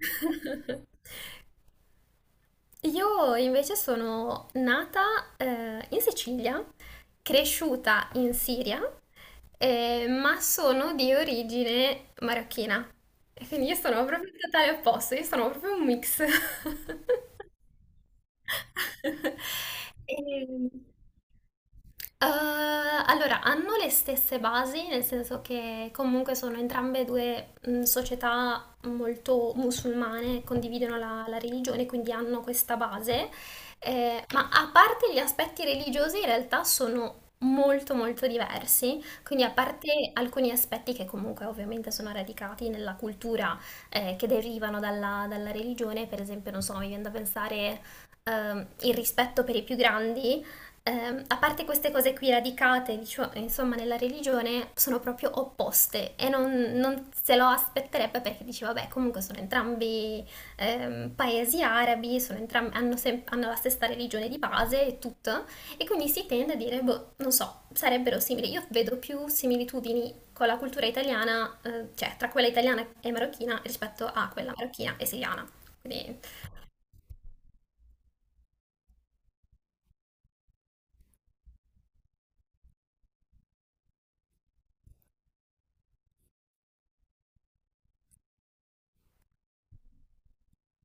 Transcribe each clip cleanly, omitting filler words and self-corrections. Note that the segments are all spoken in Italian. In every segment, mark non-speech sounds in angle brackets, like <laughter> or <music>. <laughs> Io invece sono nata in Sicilia, cresciuta in Siria, ma sono di origine marocchina. E quindi io sono proprio il totale opposto, io sono proprio un mix. <laughs> <laughs> Ehm, Eh, allora, hanno le stesse basi, nel senso che comunque sono entrambe due società molto musulmane, condividono la religione, quindi hanno questa base. Ma a parte gli aspetti religiosi, in realtà sono molto molto diversi, quindi a parte alcuni aspetti che comunque ovviamente sono radicati nella cultura, che derivano dalla religione. Per esempio, non so, mi viene da pensare, il rispetto per i più grandi. A parte queste cose qui radicate, insomma, nella religione, sono proprio opposte e non se lo aspetterebbe, perché dice, vabbè, comunque sono entrambi paesi arabi, hanno, hanno la stessa religione di base e tutto, e quindi si tende a dire, boh, non so, sarebbero simili. Io vedo più similitudini con la cultura italiana, cioè tra quella italiana e marocchina rispetto a quella marocchina e siriana. Quindi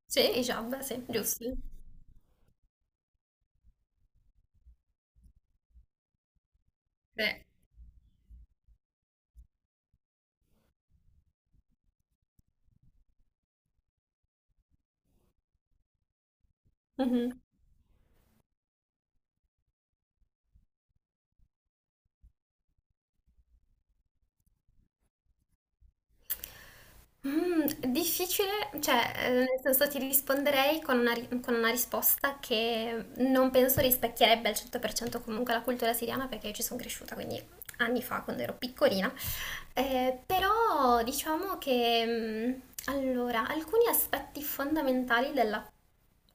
sì, hijab, sì, giusto. Sì. Mhm. Mm, difficile, cioè, nel senso ti risponderei con una, con una risposta che non penso rispecchierebbe al 100% comunque la cultura siriana, perché io ci sono cresciuta, quindi anni fa quando ero piccolina. Però diciamo che, allora, alcuni aspetti fondamentali della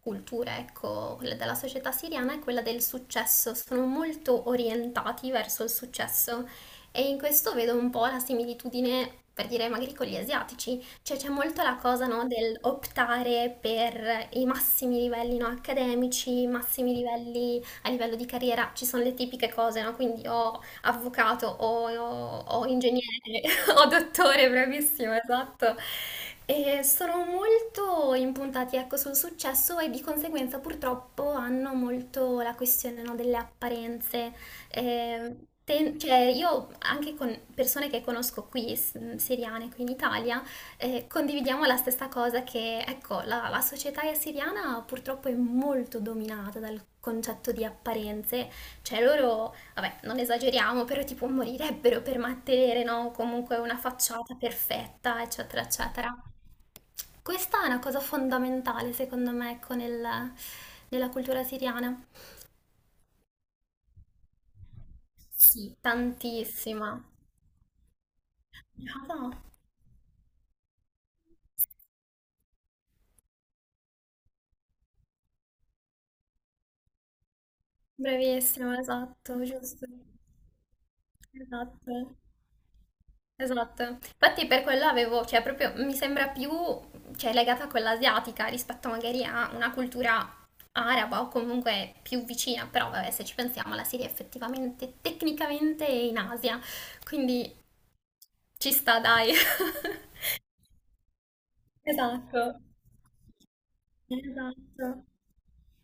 cultura, ecco, quella della società siriana è quella del successo, sono molto orientati verso il successo, e in questo vedo un po' la similitudine, per dire, magari con gli asiatici, cioè c'è molto la cosa, no, del optare per i massimi livelli, no, accademici, i massimi livelli a livello di carriera, ci sono le tipiche cose, no, quindi ho avvocato o, o ingegnere, <laughs> o dottore, bravissimo, esatto. E sono molto impuntati, ecco, sul successo, e di conseguenza purtroppo hanno molto la questione, no, delle apparenze. Cioè, io anche con persone che conosco qui, siriane, qui in Italia, condividiamo la stessa cosa che, ecco, la società siriana purtroppo è molto dominata dal concetto di apparenze, cioè loro, vabbè, non esageriamo, però tipo morirebbero per mantenere, no? Comunque una facciata perfetta, eccetera, eccetera. Questa è una cosa fondamentale, secondo me, ecco, nella cultura siriana. Sì. Tantissima. Brava. Bravissima, esatto, giusto. Esatto. Esatto, infatti per quello avevo, cioè proprio mi sembra più, cioè, legata a quella asiatica rispetto magari a una cultura araba, o comunque più vicina, però vabbè, se ci pensiamo la Siria effettivamente, tecnicamente è in Asia, quindi ci sta, dai. <laughs> Esatto. Esatto.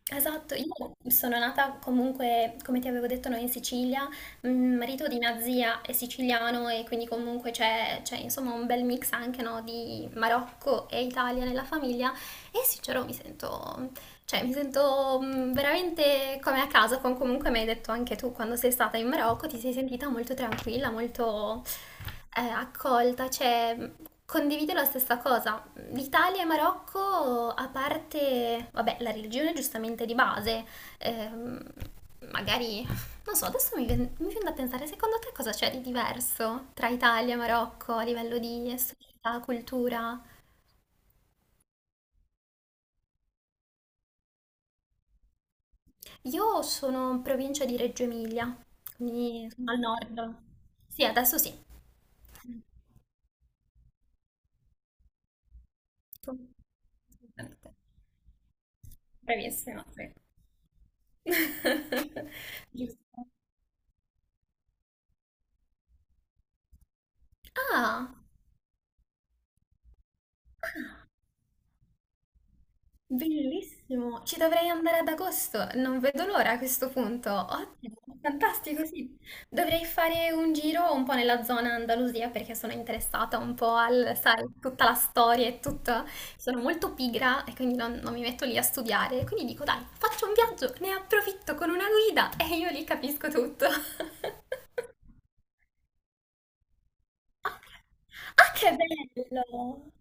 Esatto, io sono nata comunque, come ti avevo detto, noi in Sicilia, il marito di mia zia è siciliano, e quindi comunque insomma un bel mix anche no, di Marocco e Italia nella famiglia, e sincero mi sento, cioè, mi sento veramente come a casa, comunque mi hai detto anche tu quando sei stata in Marocco, ti sei sentita molto tranquilla, molto accolta, cioè condivido la stessa cosa. L'Italia e Marocco, a parte, vabbè, la religione giustamente di base, ehm, magari, non so, adesso mi viene da pensare, secondo te cosa c'è di diverso tra Italia e Marocco a livello di società, cultura? Io sono in provincia di Reggio Emilia, quindi sono al nord. Sì, adesso sì. Tu? Assolutamente. Bravissima, sì. <laughs> Giusto. Ah! Bellissimo, ci dovrei andare ad agosto, non vedo l'ora a questo punto. Ottimo, fantastico, sì. Dovrei fare un giro un po' nella zona Andalusia perché sono interessata un po' al, sai, tutta la storia e tutto. Sono molto pigra e quindi non mi metto lì a studiare. Quindi dico, dai, faccio un viaggio, ne approfitto con una guida, <laughs> e io lì capisco tutto. <laughs> Ah, che bello!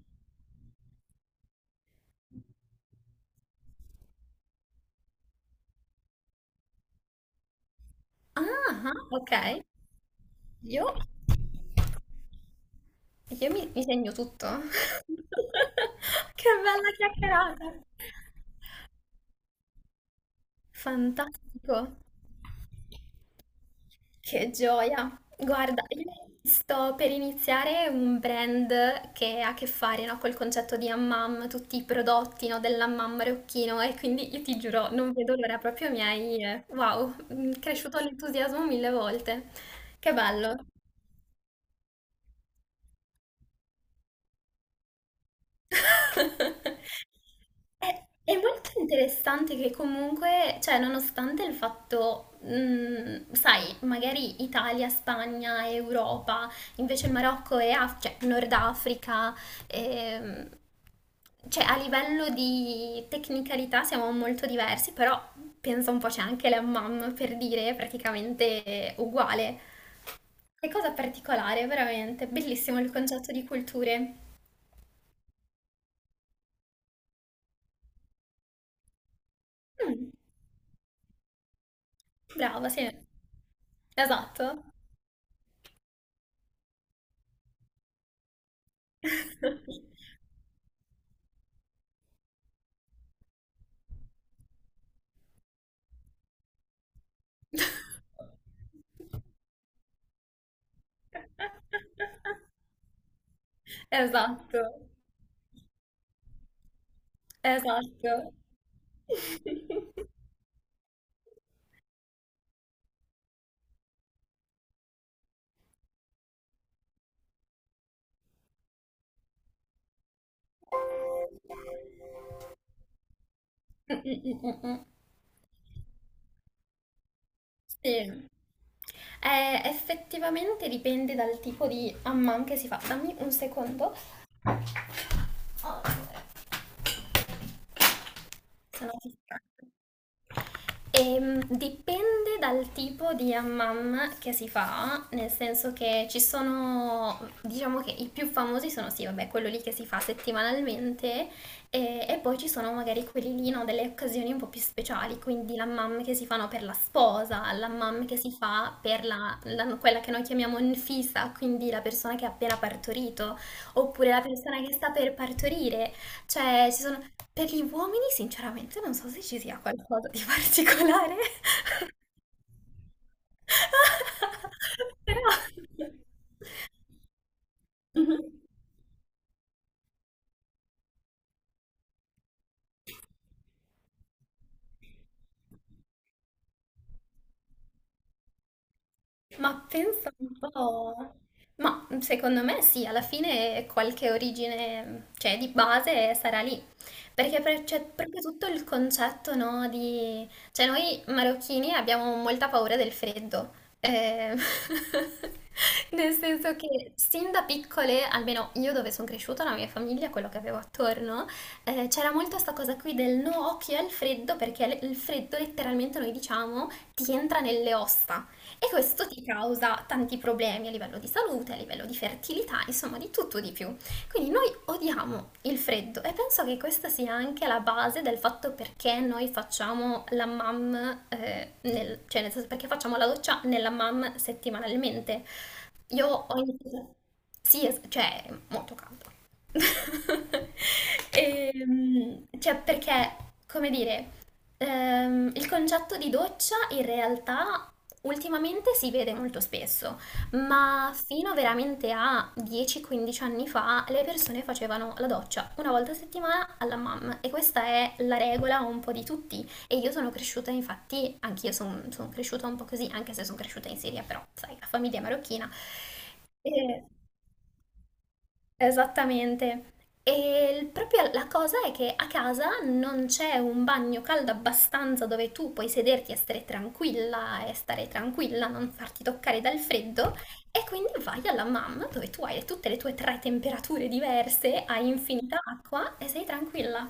Ah, ah, ok. Io? Mi segno tutto. <laughs> Che bella chiacchierata! Fantastico, che gioia! Guarda, io sto per iniziare un brand che ha a che fare, no, col concetto di Hammam, tutti i prodotti, no, dell'Hammam marocchino, e quindi io ti giuro, non vedo l'ora, proprio mi hai, wow, mi è cresciuto l'entusiasmo mille volte. Che bello! <laughs> È è molto interessante che comunque, cioè nonostante il fatto, sai, magari Italia, Spagna, Europa, invece il Marocco e cioè, Nord Africa, ehm, cioè a livello di tecnicalità siamo molto diversi, però penso un po' c'è anche l'hammam, per dire, è praticamente uguale. Che cosa particolare, veramente, bellissimo il concetto di culture. Brava, sì, esatto. <laughs> Esatto, esatto. Mm-mm-mm-mm. Sì. Effettivamente dipende dal tipo di amman che si fa. Dammi un secondo. Ah, sono fissato. Dipende dal tipo di hammam che si fa, nel senso che ci sono, diciamo che i più famosi sono sì, vabbè, quello lì che si fa settimanalmente, e poi ci sono magari quelli lì, no, delle occasioni un po' più speciali, quindi l'hammam che si fanno per la sposa, l'hammam che si fa per quella che noi chiamiamo nfisa, quindi la persona che ha appena partorito, oppure la persona che sta per partorire. Cioè, ci sono... Per gli uomini, sinceramente, non so se ci sia qualcosa di particolare. <laughs> Però... Mhm. Ma pensa un po'. Ma secondo me sì, alla fine qualche origine, cioè di base sarà lì. C'è proprio tutto il concetto, no, di... Cioè noi marocchini abbiamo molta paura del freddo. Eh, <laughs> nel senso che sin da piccole, almeno io dove sono cresciuta, la mia famiglia, quello che avevo attorno, c'era molto questa cosa qui del no occhio al freddo, perché il freddo letteralmente noi diciamo ti entra nelle ossa. E questo ti causa tanti problemi a livello di salute, a livello di fertilità, insomma di tutto di più. Quindi noi odiamo il freddo, e penso che questa sia anche la base del fatto perché noi facciamo la mam, cioè nel senso perché facciamo la doccia nella mam settimanalmente. Io ho iniziato... Sì, cioè, è molto caldo. <laughs> Cioè, perché, come dire, il concetto di doccia in realtà ultimamente si vede molto spesso, ma fino veramente a 10-15 anni fa le persone facevano la doccia una volta a settimana alla mamma, e questa è la regola un po' di tutti. E io sono cresciuta, infatti, anch'io son cresciuta un po' così, anche se sono cresciuta in Siria, però, sai, la famiglia è marocchina. E- esattamente. Proprio la cosa è che a casa non c'è un bagno caldo abbastanza dove tu puoi sederti e stare tranquilla non farti toccare dal freddo. E quindi vai alla mamma dove tu hai tutte le tue tre temperature diverse, hai infinita acqua e sei tranquilla.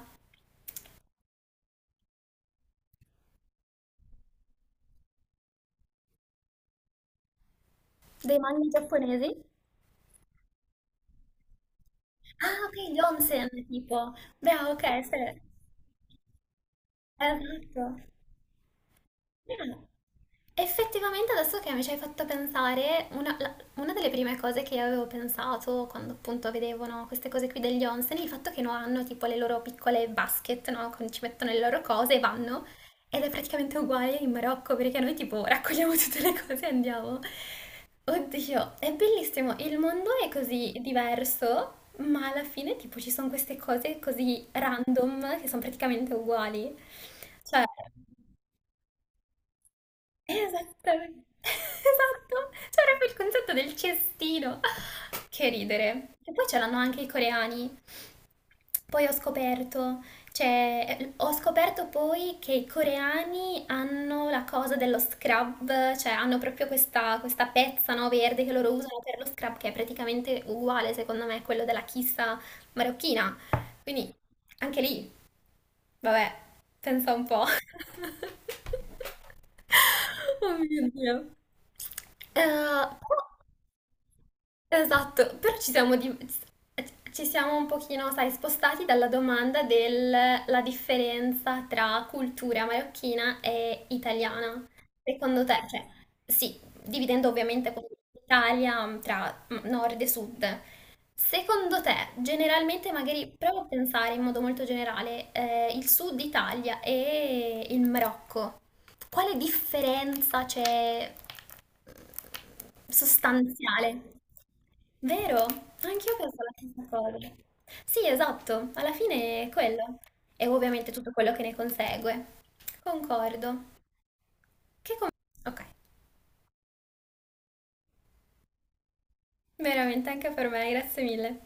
Dei manghi giapponesi? Ah, ok, gli onsen, tipo. Beh, ok, se... Esatto. Beh, effettivamente adesso che mi ci hai fatto pensare, una, una delle prime cose che io avevo pensato quando appunto vedevo no, queste cose qui degli onsen, il fatto che no, hanno tipo le loro piccole basket, no, ci mettono le loro cose e vanno, ed è praticamente uguale in Marocco perché noi tipo raccogliamo <laughs> tutte le cose e andiamo. Oddio, è bellissimo, il mondo è così diverso, ma alla fine tipo ci sono queste cose così random che sono praticamente uguali. Cioè... Esattamente, <laughs> esatto, c'è proprio il concetto del cestino. <laughs> Che ridere. E poi ce l'hanno anche i coreani. Poi ho scoperto, cioè, ho scoperto poi che i coreani hanno la cosa dello scrub, cioè hanno proprio questa pezza, no, verde che loro usano per lo scrub, che è praticamente uguale, secondo me, a quello della kissa marocchina. Quindi, anche lì, vabbè, pensa un po'. <laughs> Oh mio Dio. Eh, però- esatto, però ci siamo, ci siamo un pochino, sai, spostati dalla domanda della differenza tra cultura marocchina e italiana. Secondo te, cioè, sì, dividendo ovviamente con l'Italia tra nord e sud, secondo te, generalmente, magari provo a pensare in modo molto generale, il sud Italia e il Marocco, quale differenza c'è? Sostanziale. Vero? Anch'io penso la stessa cosa. Sì, esatto, alla fine è quello. E ovviamente tutto quello che ne consegue. Concordo. Che com- ok, veramente anche per me, grazie mille.